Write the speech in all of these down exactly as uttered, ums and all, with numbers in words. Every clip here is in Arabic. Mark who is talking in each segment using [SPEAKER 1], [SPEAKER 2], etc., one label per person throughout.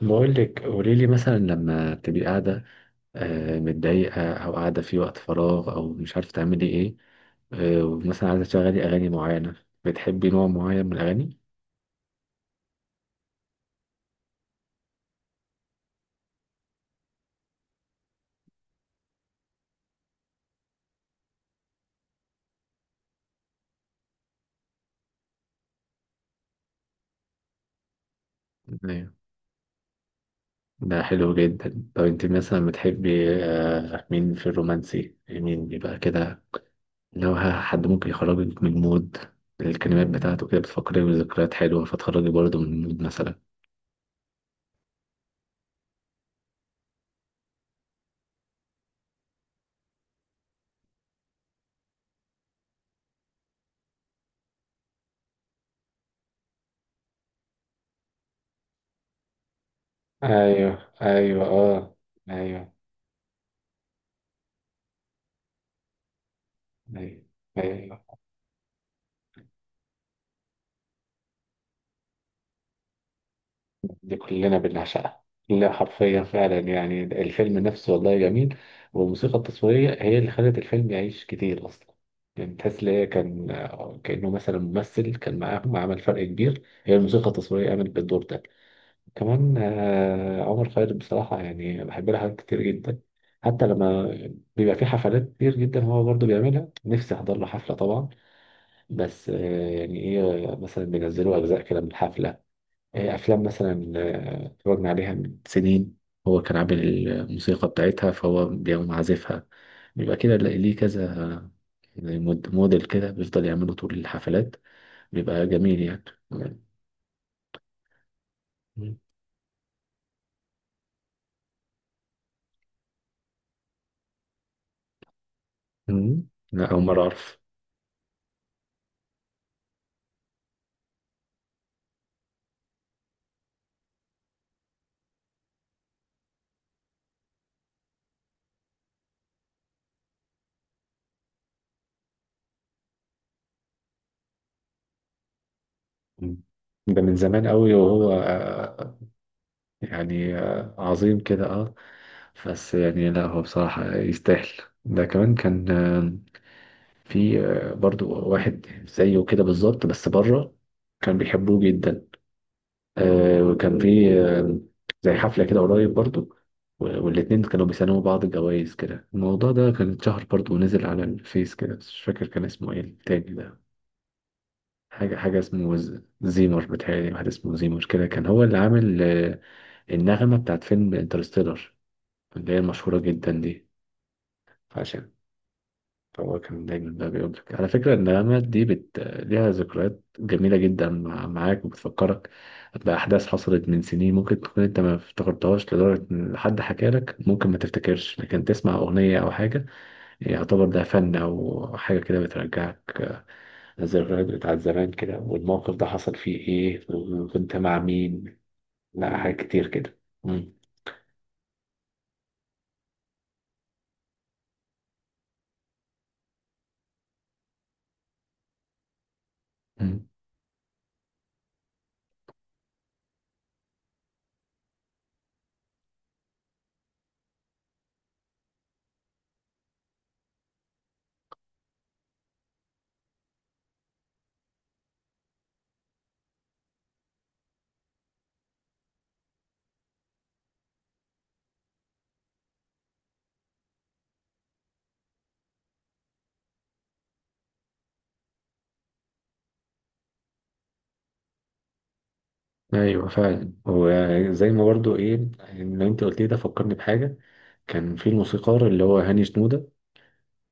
[SPEAKER 1] بقول لك قولي لي مثلا لما تبقي قاعدة، آه، متضايقة أو قاعدة في وقت فراغ أو مش عارفة تعملي إيه. آه، ومثلا عايزة تشغلي أغاني معينة، بتحبي نوع معين من الأغاني؟ أيوة. ده حلو جدا. طب أنت مثلا بتحبي آه، مين في الرومانسي؟ مين بيبقى كده؟ لو ه- حد ممكن يخرجك من المود، الكلمات بتاعته كده بتفكري بذكريات حلوة فتخرجي برضه من المود مثلا. ايوه ايوه اه. ايوه. ايوه. ايوه، دي كلنا بنعشقها. لا حرفيا فعلا، يعني الفيلم نفسه والله جميل. والموسيقى التصويرية هي اللي خلت الفيلم يعيش كتير أصلا. يعني تحس إن هي كان كأنه مثلا ممثل كان معاهم، عمل فرق كبير. هي الموسيقى التصويرية عملت بالدور ده. كمان آه، عمر خيرت بصراحة يعني بحب لها حاجات كتير جدا. حتى لما بيبقى في حفلات كتير جدا هو برضه بيعملها، نفسي أحضر له حفلة طبعا. بس آه، يعني إيه، مثلا بينزلوا أجزاء كده من الحفلة. آه، أفلام مثلا آه، اتفرجنا عليها من سنين، هو كان عامل الموسيقى بتاعتها فهو بيقوم عازفها. بيبقى كده ليه كذا، زي مود- موديل كده بيفضل يعمله طول الحفلات. بيبقى جميل يعني. مم. مم. لا، أول مرة أعرف. مم. ده من زمان قوي، وهو آه، يعني آه، عظيم كده اه. بس يعني، لا هو بصراحة يستاهل. ده كمان كان آه، في آه، برضو واحد زيه كده بالظبط بس بره، كان بيحبوه جدا. آه، وكان في آه، زي حفلة كده قريب برضو، و- والاتنين كانوا بيسلموا بعض جوائز كده. الموضوع ده كان اتشهر برضو ونزل على الفيس كده، بس مش فاكر كان اسمه ايه التاني ده. حاجة حاجة اسمه ز- زيمر، بتهيألي واحد اسمه زيمر كده كان هو اللي عامل آه، النغمة بتاعت فيلم انترستيلر، اللي هي المشهورة جدا دي. عشان، فهو كان دايما بقى بيقول لك على فكرة إن الندامات دي بت... ليها ذكريات جميلة جدا مع... معاك، وبتفكرك بأحداث حصلت من سنين، ممكن تكون أنت ما افتكرتهاش لدرجة إن حد حكى لك ممكن ما تفتكرش، لكن تسمع أغنية أو حاجة يعتبر ده فن أو حاجة كده بترجعك الذكريات بتاعت زمان كده، والموقف ده حصل فيه إيه وكنت مع مين. لا، حاجات كتير كده. مم. مم. ايوه فعلا، وزي ما برضو ايه، اللي انت قلت لي ده فكرني بحاجه. كان في الموسيقار اللي هو هاني شنودة،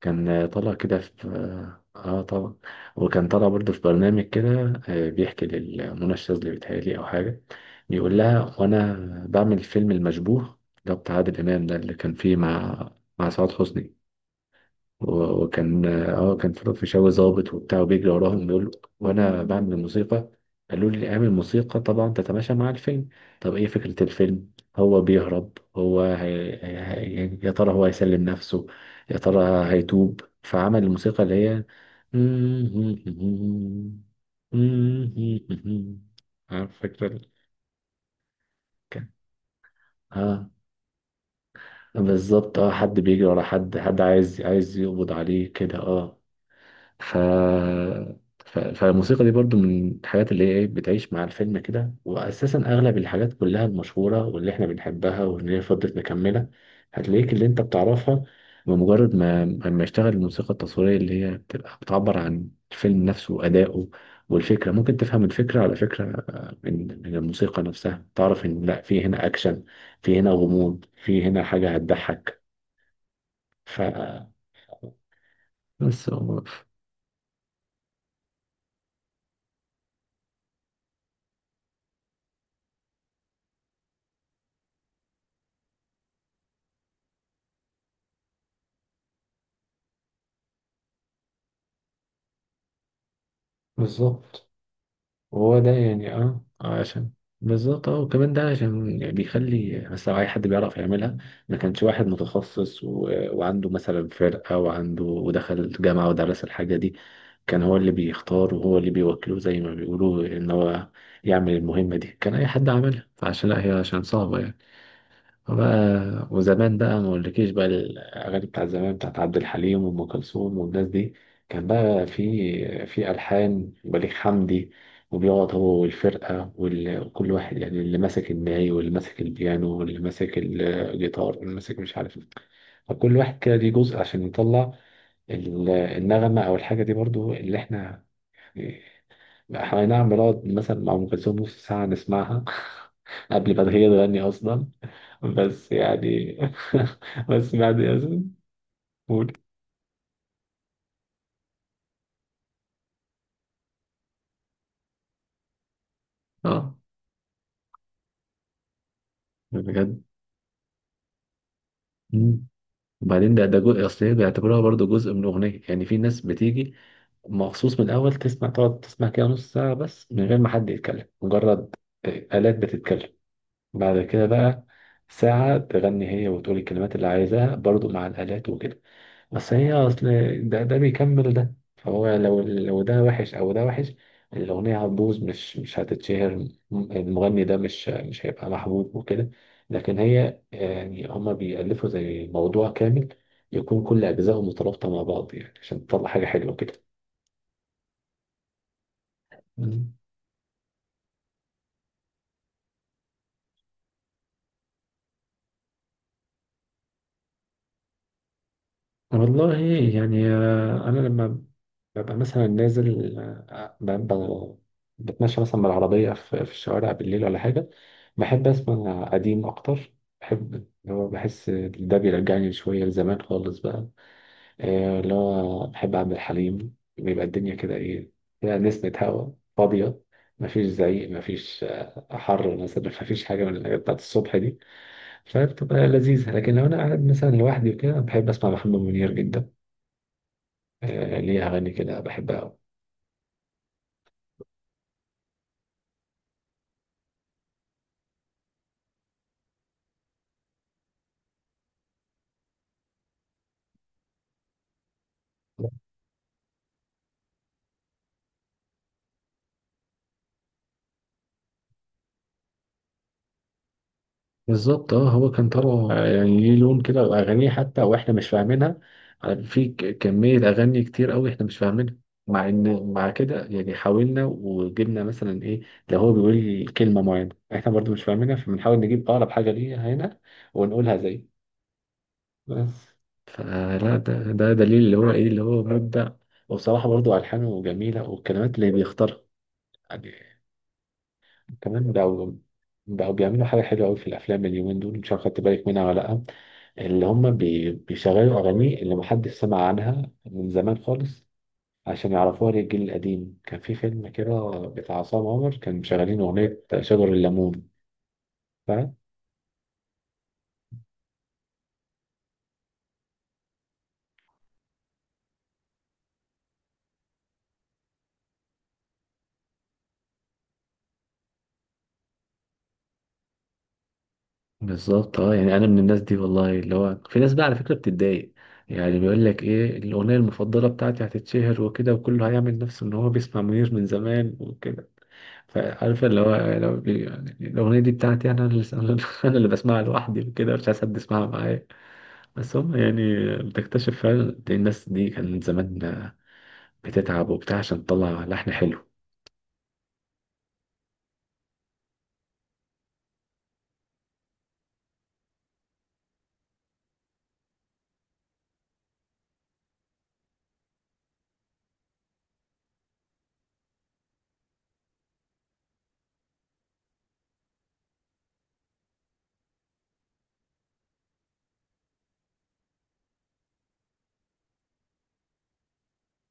[SPEAKER 1] كان آه، طالع كده في اه آه طبعا، وكان طالع برضه في برنامج كده آه، بيحكي لمنى الشاذلي بيتهيألي أو حاجة. بيقول لها: وأنا بعمل فيلم المشبوه، ده بتاع عادل إمام ده اللي كان فيه مع مع سعاد حسني، و- وكان اه كان في الفيشاوي ظابط وبتاع وبيجري وراهم. بيقول له: وانا بعمل الموسيقى، قالوا لي اعمل موسيقى طبعا تتماشى مع الفيلم. طب ايه فكرة الفيلم؟ هو بيهرب، هو هي... هي... يا ترى هو هيسلم نفسه، يا ترى هيتوب؟ فعمل الموسيقى اللي هي عارف فكرة ال- كان- اه بالظبط اه، حد بيجري ورا حد، حد عايز عايز يقبض عليه كده اه. ف... ف... فالموسيقى دي برضو من الحاجات اللي هي إيه بتعيش مع الفيلم كده، وأساسا أغلب الحاجات كلها المشهورة واللي إحنا بنحبها واللي هي فضلت مكملة، هتلاقيك اللي أنت بتعرفها بمجرد ما لما يشتغل الموسيقى التصويرية اللي هي بتبقى بتعبر عن الفيلم نفسه وأدائه. والفكرة ممكن تفهم الفكرة على فكرة آه، من من الموسيقى نفسها تعرف إن لأ، في هنا أكشن، في هنا غموض، في هنا حاجة هتضحك. ف بس هو- بالظبط. وهو ده يعني اه آه، عشان، بالظبط اه. وكمان ده عشان يعني بيخلي، بس لو اي حد بيعرف يعملها، ما كانش واحد متخصص و... وعنده مثلا فرقة وعنده ودخل جامعة ودرس الحاجة دي، كان هو اللي بيختار وهو اللي بيوكله زي ما بيقولوا ان هو يعمل المهمة دي. كان اي حد عملها، فعشان لا هي عشان صعبة يعني. بقى وزمان بقى ما اقولكيش، بقى الاغاني بتاعت زمان بتاعت عبد الحليم وام كلثوم والناس دي، كان بقى في في الحان بليغ حمدي، وبيقعد هو والفرقه وال- وكل واحد يعني، اللي ماسك الناي واللي ماسك البيانو واللي ماسك الجيتار واللي ماسك مش عارف إيه. فكل واحد كده ليه جزء عشان يطلع ال- النغمه او الحاجه دي. برضو اللي احنا احنا نعمل، نقعد مثلا مع ام كلثوم نص ساعه نسمعها قبل ما هي تغني اصلا. بس يعني بس بعد ياسين. قول. اه بجد. مم. وبعدين ده ده جزء، اصل هي بيعتبروها برضو جزء من الاغنيه، يعني في ناس بتيجي مخصوص من الاول تسمع، تقعد تسمع كده نص ساعه بس من غير ما حد يتكلم، مجرد آه، آلات بتتكلم. بعد كده بقى ساعه تغني هي وتقول الكلمات اللي عايزاها برضو مع الآلات وكده. بس هي اصل ده ده بيكمل ده، فهو لو لو ده وحش او ده وحش، الاغنيه هتبوظ، مش مش هتتشهر. م- المغني ده مش مش هيبقى محبوب وكده. لكن هي يعني هما بيألفوا زي موضوع كامل يكون كل اجزائه مترابطه مع بعض يعني عشان تطلع حاجه حلوه كده. مم. والله يعني آه، انا لما ببقى مثلا نازل آه، ب- ب- بتمشى مثلا بالعربية في في الشوارع بالليل ولا حاجة، بحب أسمع قديم أكتر. بحب اللي هو، بحس ده بيرجعني شوية لزمان خالص بقى. آه، اللي هو بحب عبد الحليم، بيبقى الدنيا كده إيه، فيها نسمة هوا فاضية، مفيش زعيق، مفيش آه، حر مثلا، مفيش حاجة من الحاجات بتاعت الصبح دي، فبتبقى لذيذة. لكن لو أنا قاعد مثلا لوحدي وكده بحب أسمع محمد منير جدا. آه، ليه أغاني كده بحبها أوي. بالظبط اه. هو كان طالع يعني ليه لون كده، واغانيه حتى واحنا مش فاهمينها، في ك- كميه اغاني كتير قوي احنا مش فاهمينها. مع ان مع كده يعني حاولنا وجبنا مثلا ايه، لو هو بيقول كلمه معينه احنا برضو مش فاهمينها فبنحاول نجيب اقرب حاجه ليها هنا ونقولها زيه. بس فلا ده ده دليل اللي هو ايه اللي هو مبدع. وبصراحه برضو الحانه جميله والكلمات اللي بيختارها يعني. كمان بقوا بقوا بيعملوا حاجة حلوة أوي في الأفلام اليومين دول، مش عارف خدت بالك منها ولا لأ، اللي هم بي... بيشغلوا أغاني اللي محدش سمع عنها من زمان خالص، عشان يعرفوها للجيل القديم. كان في فيلم كده بتاع عصام عمر كان مشغلين أغنية شجر الليمون، فاهم؟ بالظبط اه. يعني انا من الناس دي والله، اللي هو في ناس بقى على فكره بتتضايق، يعني بيقول لك ايه الاغنيه المفضله بتاعتي، هتتشهر وكده وكله هيعمل نفسه ان هو بيسمع منير من زمان وكده. فعارف اللي هو، لو يعني الأغنية دي بتاعتي أنا، اللي أنا اللي بسمعها لوحدي وكده، مش عايز حد يسمعها معايا. بس هم يعني بتكتشف فعلا قد إيه الناس دي كانت زمان بتتعب وبتاع عشان تطلع لحن حلو.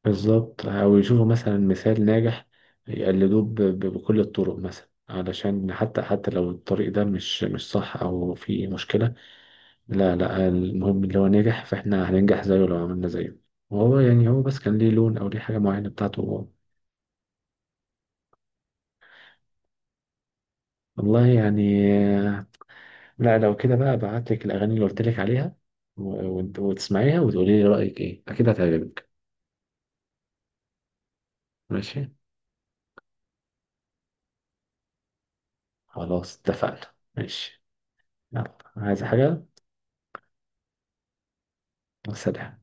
[SPEAKER 1] بالظبط، أو يشوفوا مثلا مثال ناجح يقلدوه ب- ب- بكل الطرق، مثلا علشان حتى حتى لو الطريق ده مش مش صح أو فيه مشكلة، لا لا المهم اللي هو نجح فإحنا هننجح زيه لو عملنا زيه. وهو يعني هو بس كان ليه لون أو ليه حاجة معينة بتاعته. والله يعني آه، لا، لو كده بقى ابعت لك الاغاني اللي قلت لك عليها و- وت- وتسمعيها وتقولي لي رايك ايه، اكيد هتعجبك. ماشي، خلاص اتفقنا، ماشي. يلا، عايز حاجه؟ سلام.